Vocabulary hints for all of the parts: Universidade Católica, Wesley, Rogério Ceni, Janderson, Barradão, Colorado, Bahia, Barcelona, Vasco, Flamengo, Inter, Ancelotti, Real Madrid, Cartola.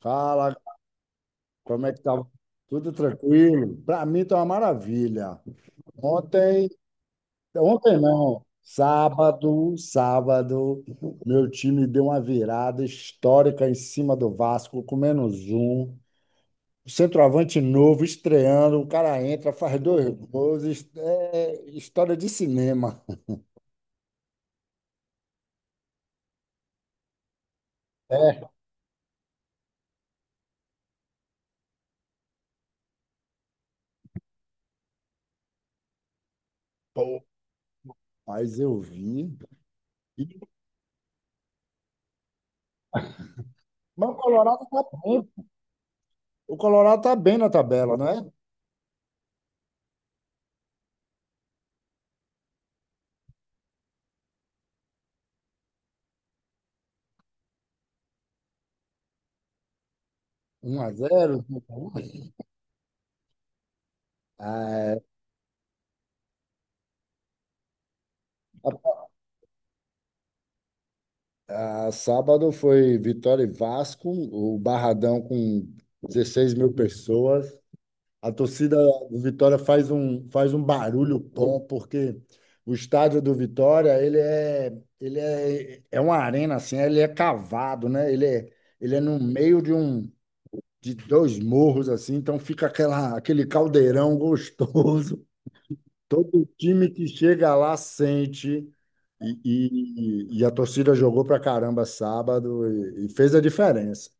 Fala, como é que tá? Tudo tranquilo? Para mim tá uma maravilha. Ontem, ontem não, sábado, sábado, meu time deu uma virada histórica em cima do Vasco, com menos um. Centroavante novo, estreando, o cara entra, faz dois gols, é história de cinema. É, pô, mas eu vi. E- Mas o Colorado tá bem. O Colorado tá bem na tabela, não é? 1-0. Ah, é. Ah, sábado foi Vitória e Vasco, o Barradão com 16 mil pessoas. A torcida do Vitória faz um barulho bom, porque o estádio do Vitória, é uma arena assim, ele é cavado, né? Ele é no meio de de dois morros assim, então fica aquele caldeirão gostoso. Todo time que chega lá sente. E, e a torcida jogou pra caramba sábado e fez a diferença.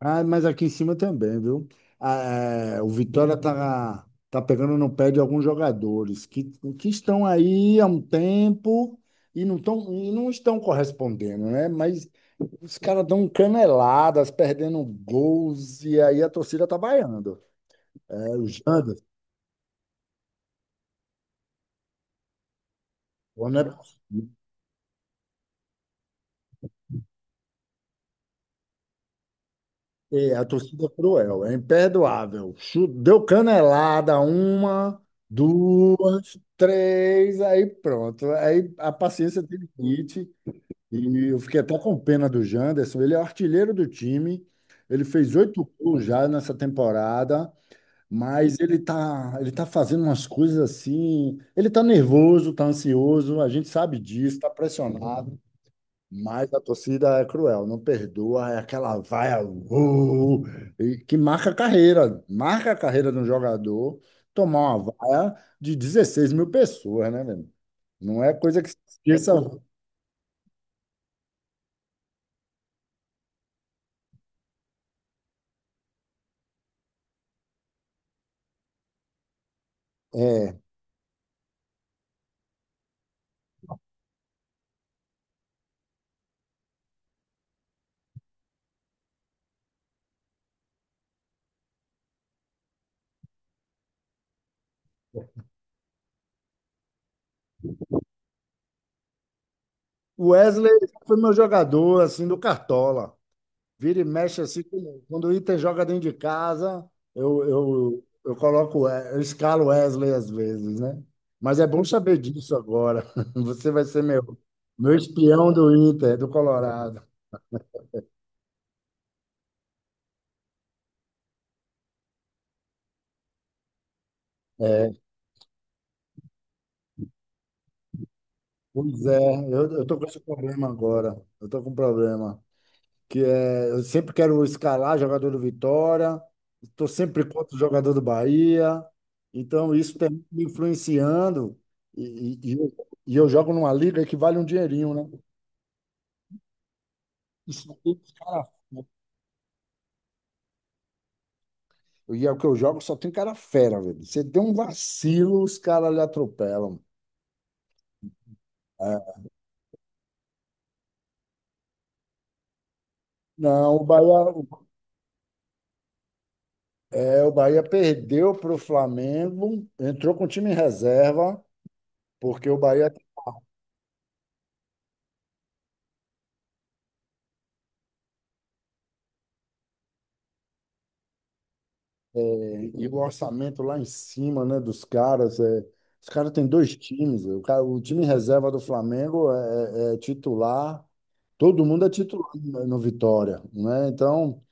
Ah, mas aqui em cima também, viu? Ah, é, o Vitória tá pegando no pé de alguns jogadores que estão aí há um tempo e não estão correspondendo, né? Mas os caras dão caneladas, perdendo gols, e aí a torcida tá vaiando. É, o Janderson, né? É, a torcida é cruel, é imperdoável. Deu canelada, uma, duas, três, aí pronto. Aí a paciência teve limite. E eu fiquei até com pena do Janderson. Ele é o artilheiro do time. Ele fez oito gols já nessa temporada, mas ele tá fazendo umas coisas assim. Ele tá nervoso, tá ansioso, a gente sabe disso, tá pressionado. Mas a torcida é cruel, não perdoa, é aquela vaia, e que marca a carreira de um jogador tomar uma vaia de 16 mil pessoas, né, velho? Não é coisa que se esqueça. É. O Wesley foi meu jogador, assim, do Cartola. Vira e mexe assim. Quando o Inter joga dentro de casa, eu coloco, eu escalo o Wesley às vezes, né? Mas é bom saber disso agora. Você vai ser meu espião do Inter, do Colorado. É, pois é, eu tô com esse problema agora. Eu tô com um problema. Que é, eu sempre quero escalar jogador do Vitória, estou sempre contra o jogador do Bahia. Então, isso está me influenciando. E, e- e eu, e eu jogo numa liga que vale um dinheirinho, né? Isso aqui, e é o que eu jogo, só tem cara fera, velho. Você tem um vacilo, os caras lhe atropelam. É. Não, o Bahia perdeu para o Flamengo, entrou com o time em reserva, porque é, e o orçamento lá em cima, né, dos caras. É, os caras têm dois times. O, cara, o time em reserva do Flamengo é titular, todo mundo é titular no Vitória, né? Então,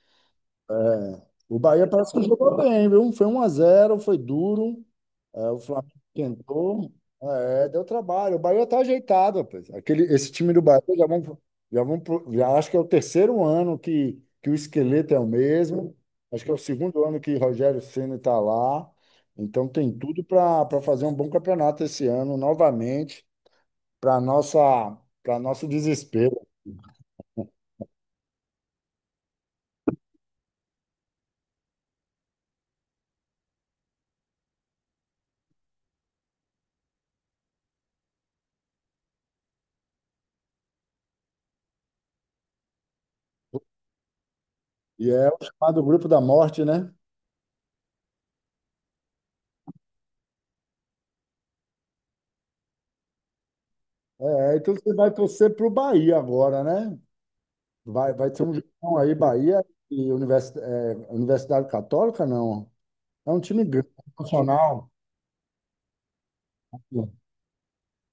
o Bahia parece que jogou bem, viu? Foi 1-0, foi duro. É, o Flamengo tentou, é, deu trabalho. O Bahia tá ajeitado, rapaz. Esse time do Bahia já acho que é o terceiro ano que o esqueleto é o mesmo. Acho que é o segundo ano que Rogério Ceni está lá. Então tem tudo para fazer um bom campeonato esse ano, novamente, para nossa para nosso desespero. E é o chamado grupo da morte, né? É, então você vai torcer para o Bahia agora, né? Vai ter um jogão aí, Bahia e Universidade Católica, não. É um time grande, nacional.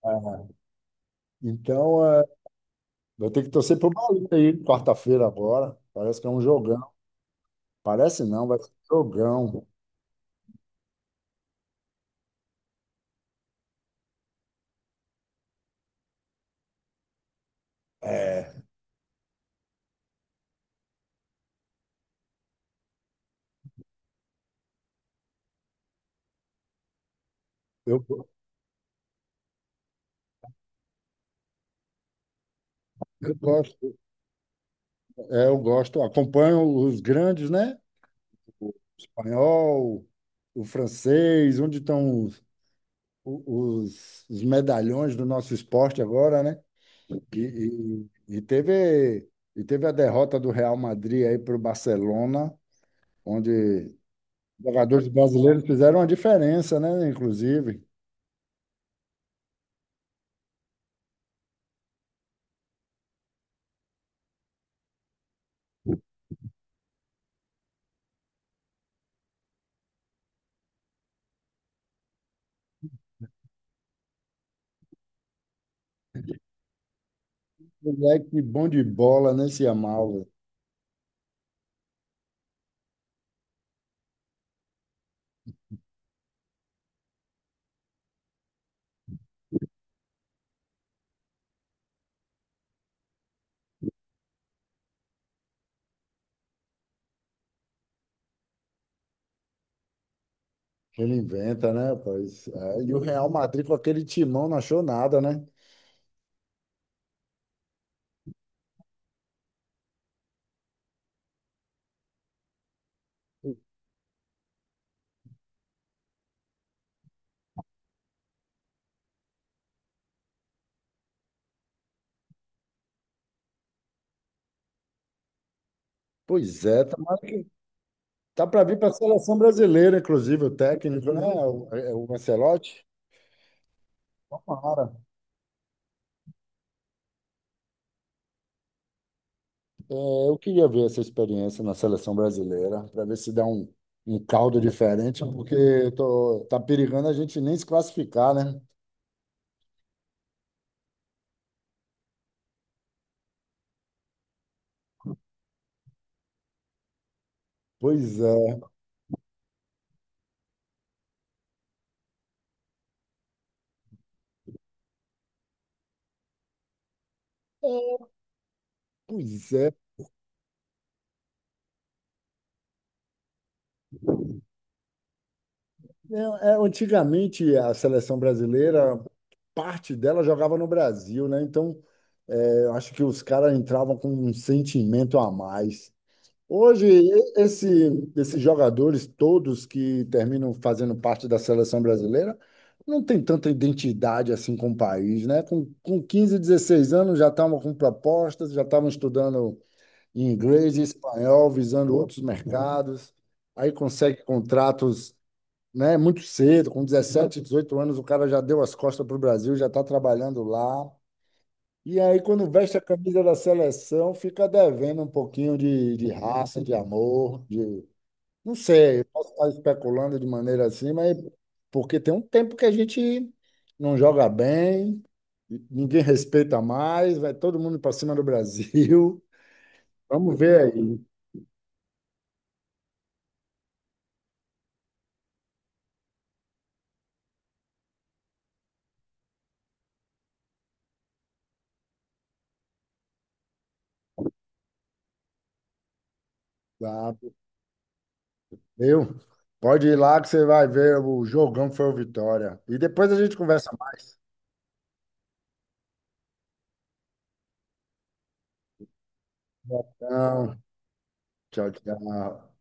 É. Então, vai ter que torcer pro Bahia aí, quarta-feira agora. Parece que é um jogão. Parece não, vai ser um jogão. É, eu, eu gosto, eu gosto, acompanho os grandes, né? O espanhol, o francês, onde estão os medalhões do nosso esporte agora, né? E, e- e teve, e teve a derrota do Real Madrid aí para o Barcelona, onde jogadores brasileiros fizeram uma diferença, né? Inclusive, moleque bom de bola, né? Se amava. Ele inventa, né, rapaz? É, e o Real Madrid com aquele timão não achou nada, né? Pois é, tá para vir para a seleção brasileira, inclusive, o técnico, né? É o Ancelotti. Tomara. Eu queria ver essa experiência na seleção brasileira, para ver se dá um caldo diferente, porque tá perigando a gente nem se classificar, né? Pois é, pois é. É, é, antigamente, a seleção brasileira, parte dela jogava no Brasil, né? Então, eu acho que os caras entravam com um sentimento a mais. Hoje, esses jogadores todos que terminam fazendo parte da seleção brasileira não tem tanta identidade assim com o país, né? Com 15, 16 anos já estavam com propostas, já estavam estudando inglês e espanhol, visando outros mercados. Aí consegue contratos, né, muito cedo, com 17, 18 anos, o cara já deu as costas para o Brasil, já está trabalhando lá. E aí, quando veste a camisa da seleção, fica devendo um pouquinho de raça, de amor. Não sei, eu posso estar especulando de maneira assim, mas porque tem um tempo que a gente não joga bem, ninguém respeita mais, vai todo mundo para cima do Brasil. Vamos ver aí, tá? Viu? Pode ir lá que você vai ver o jogão foi o Vitória. E depois a gente conversa mais. Então, tchau, tchau.